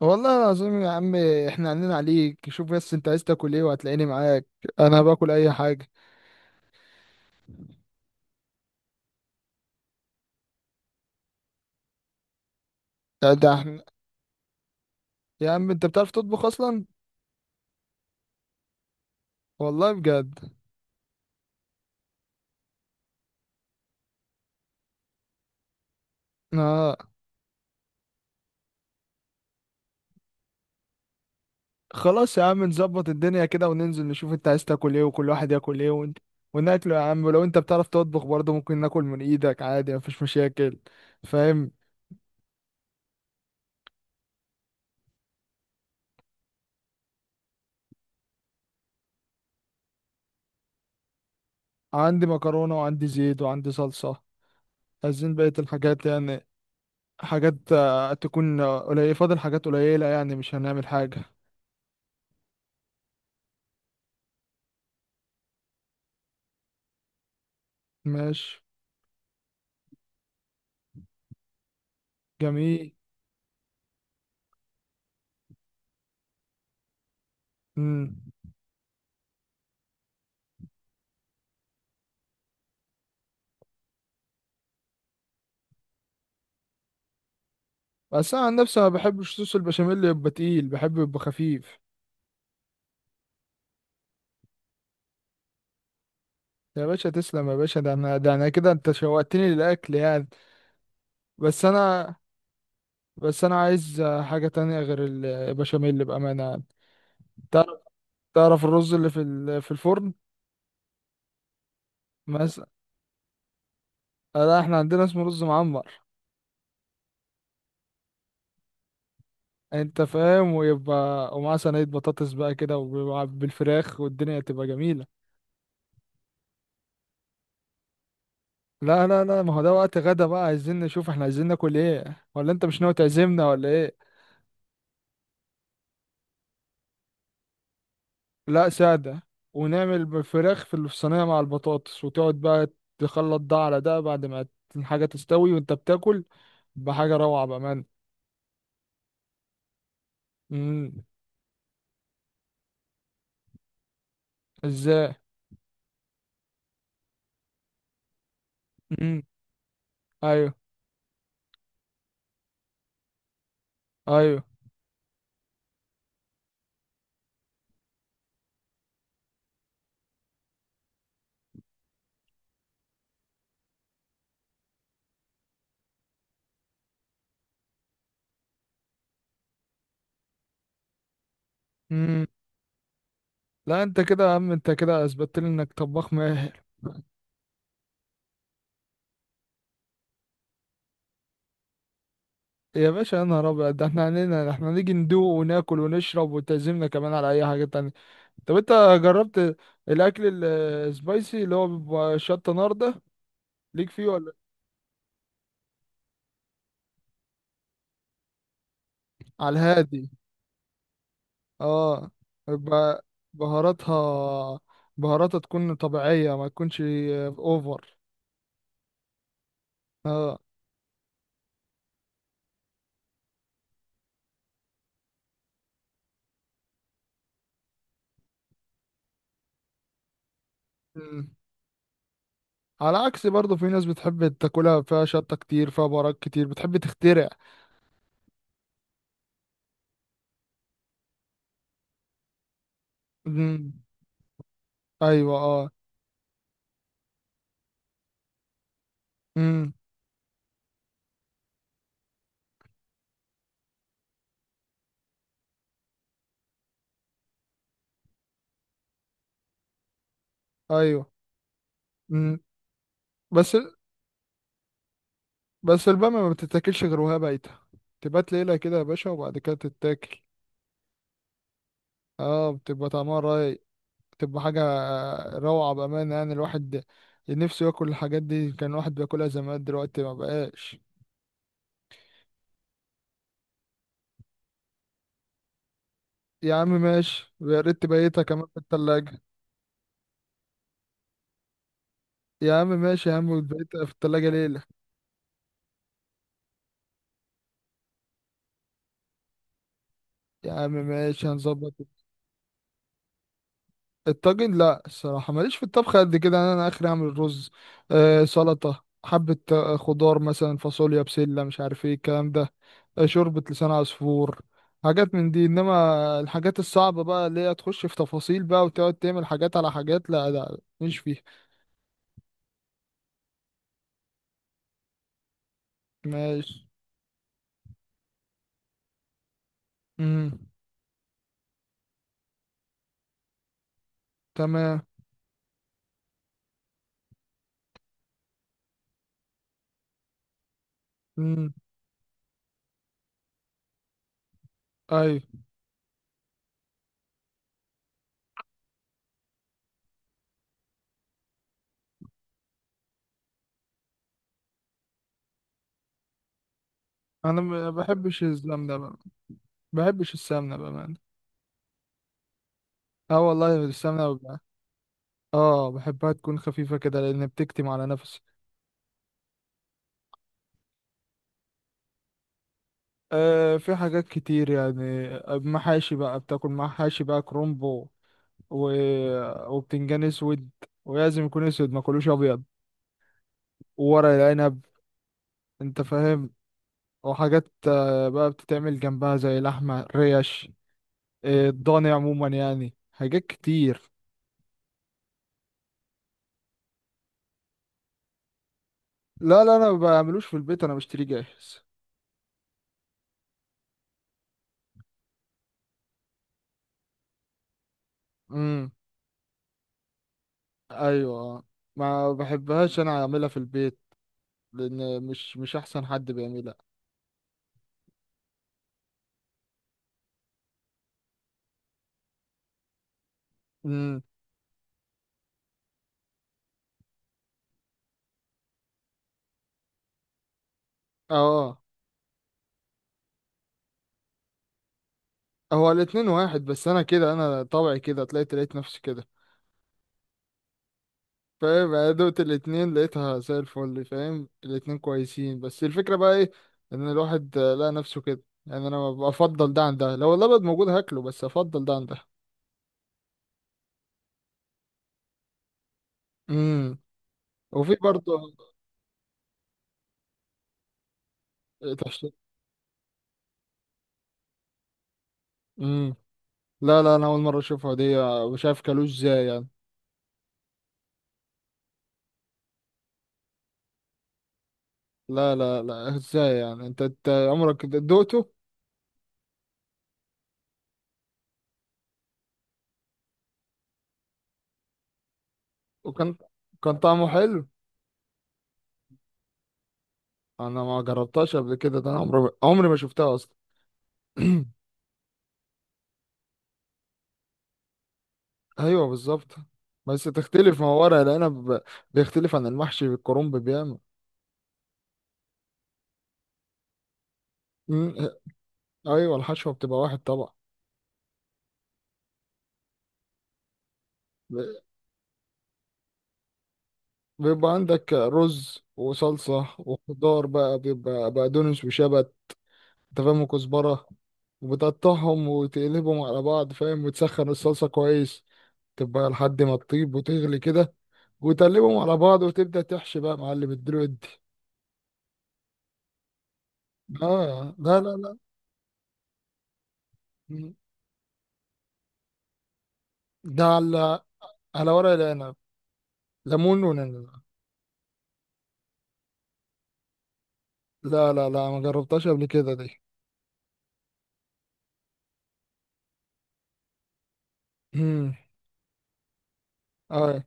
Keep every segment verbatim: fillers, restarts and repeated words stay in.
والله العظيم يا عم. احنا عندنا عليك، شوف بس انت عايز تاكل ايه وهتلاقيني معاك. انا باكل اي حاجه. ده ده احنا يا عم انت بتعرف تطبخ اصلا؟ والله بجد. اه. خلاص يا عم، نظبط الدنيا كده وننزل نشوف انت عايز تاكل ايه وكل واحد ياكل ايه، ون... وناكله يا عم. ولو انت بتعرف تطبخ برضه ممكن ناكل من ايدك عادي، مفيش مشاكل. فاهم. عندي مكرونه وعندي زيت وعندي صلصه، عايزين بقيه الحاجات يعني. حاجات آه، تكون آه، قليله، فاضل حاجات قليله يعني، مش هنعمل حاجه. ماشي. جميل. امم بس انا عن نفسي ما بحبش صوص البشاميل يبقى تقيل، بحبه يبقى خفيف. يا باشا تسلم يا باشا، ده انا ده انا كده انت شوقتني للاكل يعني. بس انا بس انا عايز حاجه تانية غير البشاميل بامانه يعني. تعرف تعرف الرز اللي في ال- في الفرن؟ مثلا. لا، احنا عندنا اسمه رز معمر. انت فاهم، ويبقى ومعاه صينيه بطاطس بقى كده وبالفراخ والدنيا تبقى جميله. لا لا لا، ما هو ده وقت غدا بقى، عايزين نشوف احنا عايزين ناكل ايه، ولا انت مش ناوي تعزمنا ولا ايه؟ لا، سادة. ونعمل فراخ في الصينية مع البطاطس، وتقعد بقى تخلط ده على ده بعد ما الحاجة تستوي وانت بتاكل بحاجة روعة بأمان. مم. ازاي؟ مم. ايوه، ايوه. مم. لا، انت كده يا عم، انت كده اثبتت لي انك طباخ ماهر. يا باشا يا نهار ابيض، ده احنا علينا احنا نيجي ندوق وناكل ونشرب وتعزمنا كمان على اي حاجة تانية. طب انت جربت الاكل السبايسي اللي هو بيبقى شطة نار ده؟ ليك فيه ولا؟ على الهادي. اه. يبقى بهاراتها بهاراتها تكون طبيعية، ما تكونش اوفر. اه. مم. على عكس برضه في ناس بتحب تاكلها فيها شطة كتير، فيها بهارات كتير، بتحب تخترع. مم. ايوه اه. مم. ايوه. مم. بس بس البامية ما بتتاكلش غير وهي بايتة، تبات ليلة كده يا باشا وبعد كده تتاكل. اه بتبقى طعمها رايق، بتبقى حاجة روعة بأمانة، يعني الواحد نفسه ياكل الحاجات دي، كان الواحد بياكلها زمان دلوقتي ما بقاش. يا عم ماشي، ويا ريت تبيتها كمان في التلاجة. يا عم ماشي يا عم، وتبيتها في التلاجة ليلة. يا عم ماشي، هنظبط. الطاجن، لا، الصراحة ماليش في الطبخ قد كده، أنا أنا آخري أعمل رز، آه سلطة، حبة آه، خضار مثلا، فاصوليا، بسلة، مش عارف ايه الكلام ده. آه، شوربة لسان عصفور. حاجات من دي، إنما الحاجات الصعبة بقى اللي هي تخش في تفاصيل بقى وتقعد تعمل حاجات على حاجات، لا لا مش فيها. ماشي. مم. تمام. مم. أيوة. أنا ما بحبش الزلم ده بقى، ما بحبش السمنة بأمانة. اه والله السمنة ببقى- اه، بحبها تكون خفيفة كده لأن بتكتم على نفسي. آه في حاجات كتير يعني، محاشي بقى، بتاكل محاشي بقى، كرومبو و... وبتنجان اسود، ولازم يكون اسود، ما كلوش ابيض. وورق العنب. انت فاهم. وحاجات آه، بقى بتتعمل جنبها زي لحمة ريش. آه، الضاني عموما يعني، حاجات كتير. لا لا، انا ما بعملوش في البيت، انا بشتريه جاهز. ايوه آه. ما بحبهاش انا اعملها في البيت، لان مش مش احسن حد بيعملها. امم اه، هو الاتنين واحد، بس انا كده انا طبعي كده طلعت لقيت نفسي كده. فاهم، انا دوت الاتنين لقيتها زي الفل، فاهم الاتنين كويسين، بس الفكرة بقى ايه ان الواحد آه، لقى نفسه كده يعني، انا بفضل ده عن ده، لو الابيض موجود هاكله بس افضل ده عن ده. امم وفي برضه. تحشيش. امم لا لا، انا اول مرة اشوفها دي، آه، مش عارف كلوش ازاي يعني. لا لا لا، ازاي يعني؟ انت انت عمرك دوقته؟ وكان كان طعمه حلو. انا ما جربتهاش قبل كده، ده انا عمري عمري ما شفتها اصلا. ايوه بالظبط. بس تختلف، ما هو ورق العنب بيختلف عن المحشي بالكرنب بيعمل. مم، ايوه الحشوه بتبقى واحد طبعا. ب- بيبقى عندك رز وصلصه وخضار بقى، بيبقى بقدونس وشبت. انت فاهم، وكزبره. وبتقطعهم وتقلبهم على بعض، فاهم، وتسخن الصلصه كويس، تبقى لحد ما تطيب وتغلي كده، وتقلبهم على بعض وتبدأ تحشي بقى يا معلم الدلوقتي دي. اه. لا لا لا. مم. ده على على ورق العنب، ليمون ونعناع. لا لا لا، ما جربتهاش قبل كده دي. مم. اه،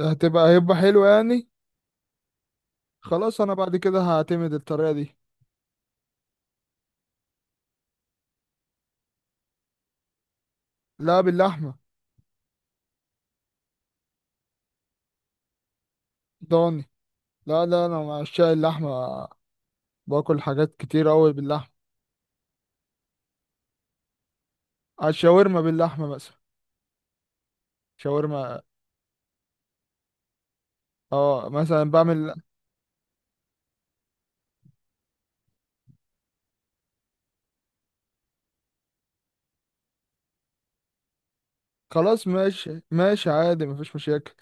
هتبقى هيبقى حلو يعني. خلاص انا بعد كده هعتمد الطريقة دي. لا باللحمة. ضاني. لا لا، انا مع عشاق اللحمة، باكل حاجات كتير قوي باللحمة. على الشاورما باللحمة مثلا. شاورما. اه مثلا بعمل. خلاص ماشي، ماشي، عادي مفيش مشاكل.